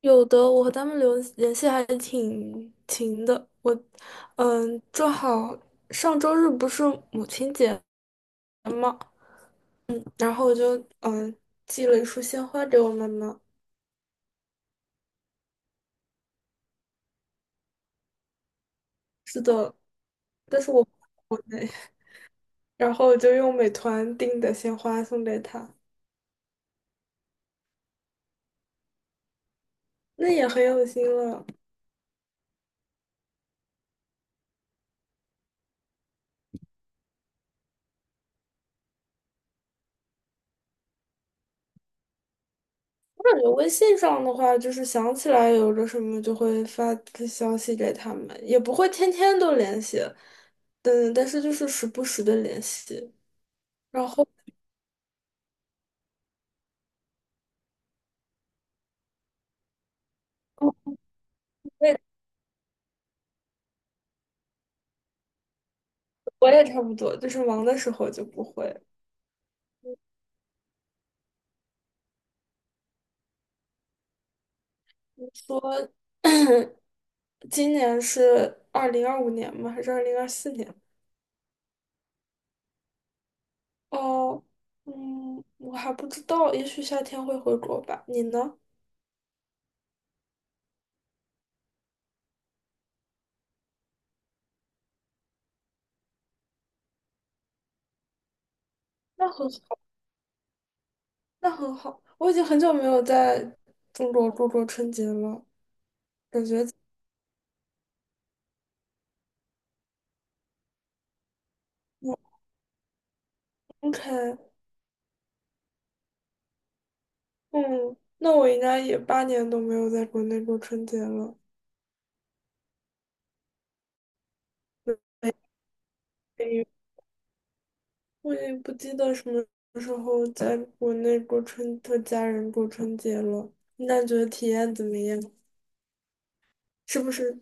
有的，我和他们留联系还挺勤的。我，正好上周日不是母亲节嘛，然后我就寄了一束鲜花给我妈妈。是的，但是我不在国内，然后我就用美团订的鲜花送给她，那也很有心了。我感觉微信上的话，就是想起来有个什么就会发个消息给他们，也不会天天都联系，但是就是时不时的联系。然后。哦，我也我也差不多，就是忙的时候就不会说。今年是2025年吗？还是2024年？哦，嗯，我还不知道，也许夏天会回国吧。你呢？那很好，那很好。我已经很久没有在中国过过春节了，感觉我 OK，嗯那我应该也8年都没有在国内过春节了。没我也不记得什么时候在国内过春和家人过春节了。你感觉体验怎么样？是不是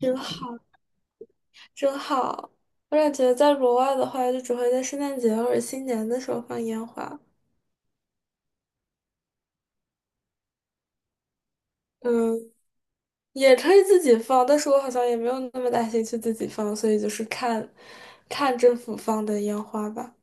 真好？真好！我感觉在国外的话，就只会在圣诞节或者新年的时候放烟花。嗯，也可以自己放，但是我好像也没有那么大兴趣自己放，所以就是看，看政府放的烟花吧。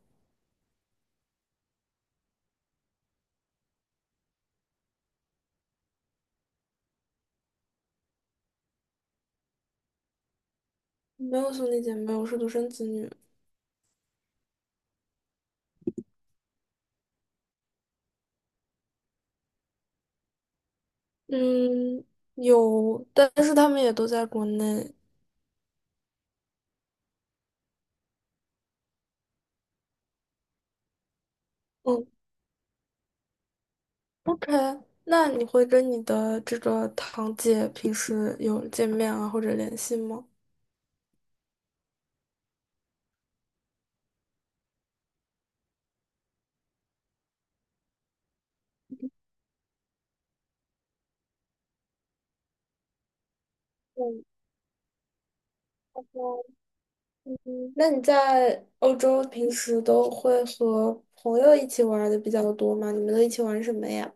没有兄弟姐妹，我是独生子女。嗯，有，但是他们也都在国内。嗯，OK，那你会跟你的这个堂姐平时有见面啊或者联系吗？嗯，嗯那你在欧洲平时都会和朋友一起玩儿的比较多吗？你们都一起玩什么呀？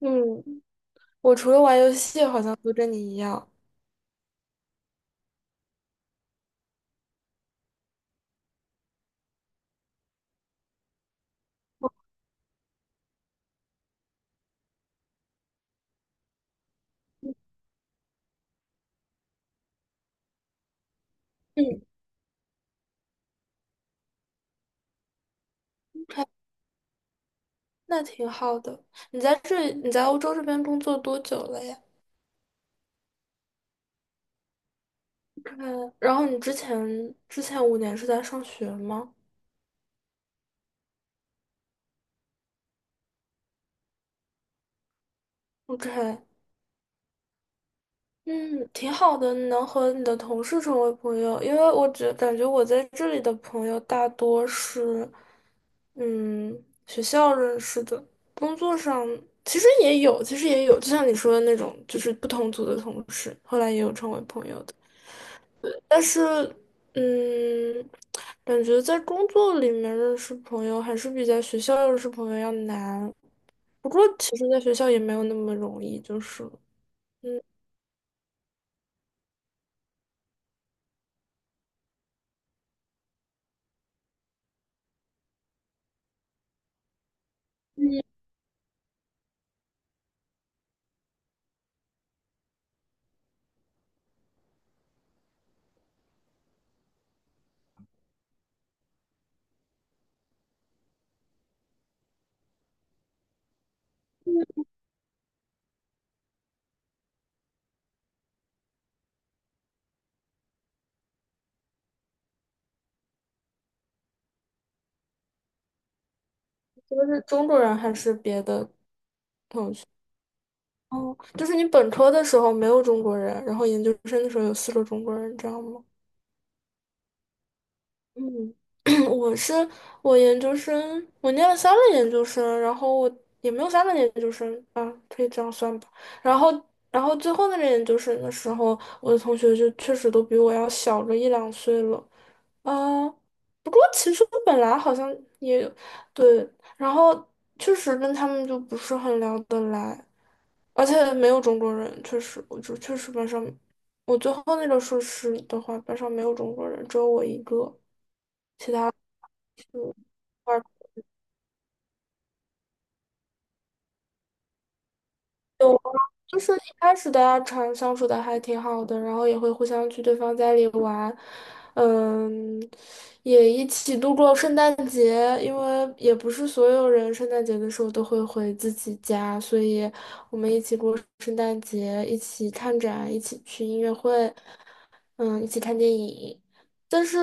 嗯，我除了玩游戏，好像都跟你一样。嗯，还那挺好的。你在欧洲这边工作多久了呀？OK，然后你之前五年是在上学吗？OK，嗯，挺好的，你能和你的同事成为朋友，因为感觉我在这里的朋友大多是，嗯，学校认识的，工作上其实也有，就像你说的那种，就是不同组的同事，后来也有成为朋友的，但是，嗯，感觉在工作里面认识朋友还是比在学校认识朋友要难，不过其实在学校也没有那么容易，就是。嗯，就是中国人还是别的。哦，就是你本科的时候没有中国人，然后研究生的时候有四个中国人，这样吗？嗯，我是我研究生，我念了三个研究生，然后我也没有三个研究生啊，可以这样算吧。然后，然后最后那个研究生的时候，我的同学就确实都比我要小个一两岁了。啊，不过其实本来好像也对，然后确实跟他们就不是很聊得来，而且没有中国人，确实，我就确实班上，我最后那个硕士的话，班上没有中国人，只有我一个，就嗯，就是一开始大家常相处的还挺好的，然后也会互相去对方家里玩，嗯，也一起度过圣诞节，因为也不是所有人圣诞节的时候都会回自己家，所以我们一起过圣诞节，一起看展，一起去音乐会，嗯，一起看电影。但是。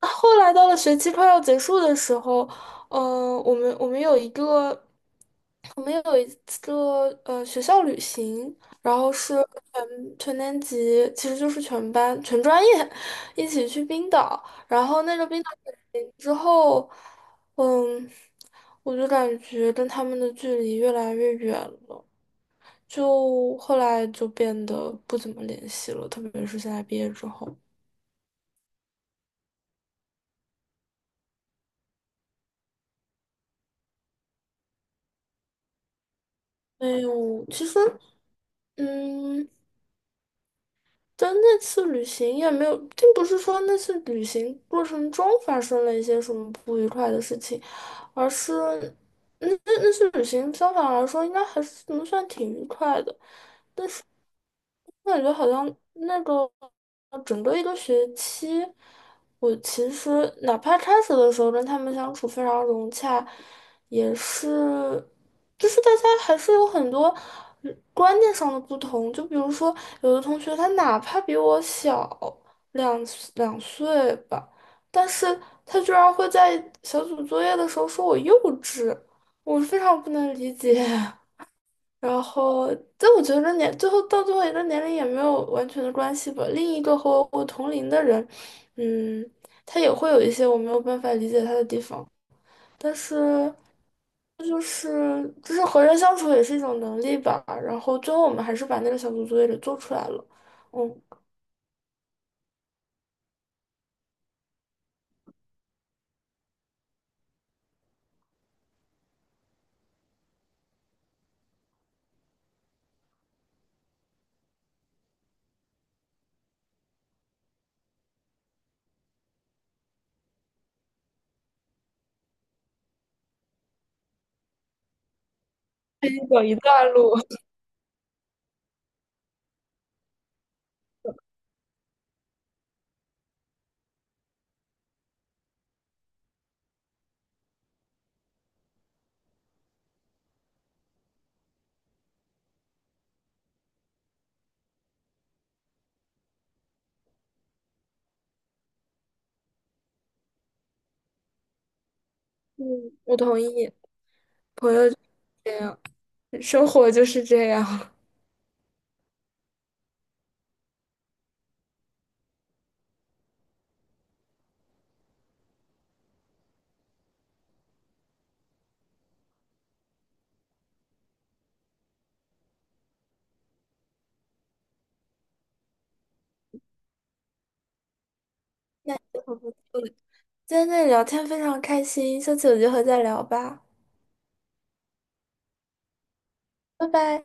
后来到了学期快要结束的时候，我们有一个，我们有一个学校旅行，然后是全年级，其实就是全班全专业一起去冰岛，然后那个冰岛旅行之后，嗯，我就感觉跟他们的距离越来越远了，就后来就变得不怎么联系了，特别是现在毕业之后，没有，其实。嗯，但那次旅行也没有，并不是说那次旅行过程中发生了一些什么不愉快的事情，而是那次旅行相反来说应该还是能算挺愉快的。我感觉好像那个整个一个学期，我其实哪怕开始的时候跟他们相处非常融洽，也是，就是大家还是有很多观念上的不同。就比如说，有的同学他哪怕比我小两两岁吧，但是他居然会在小组作业的时候说我幼稚，我非常不能理解。然后，但我觉得年最后到最后一个年龄也没有完全的关系吧。另一个和我同龄的人，嗯，他也会有一些我没有办法理解他的地方，但是就是就是和人相处也是一种能力吧。然后最后我们还是把那个小组作业给做出来了。嗯走一段路。嗯，我同意。这样，生活就是这样。今天跟你聊天非常开心，下次有机会再聊吧，拜拜。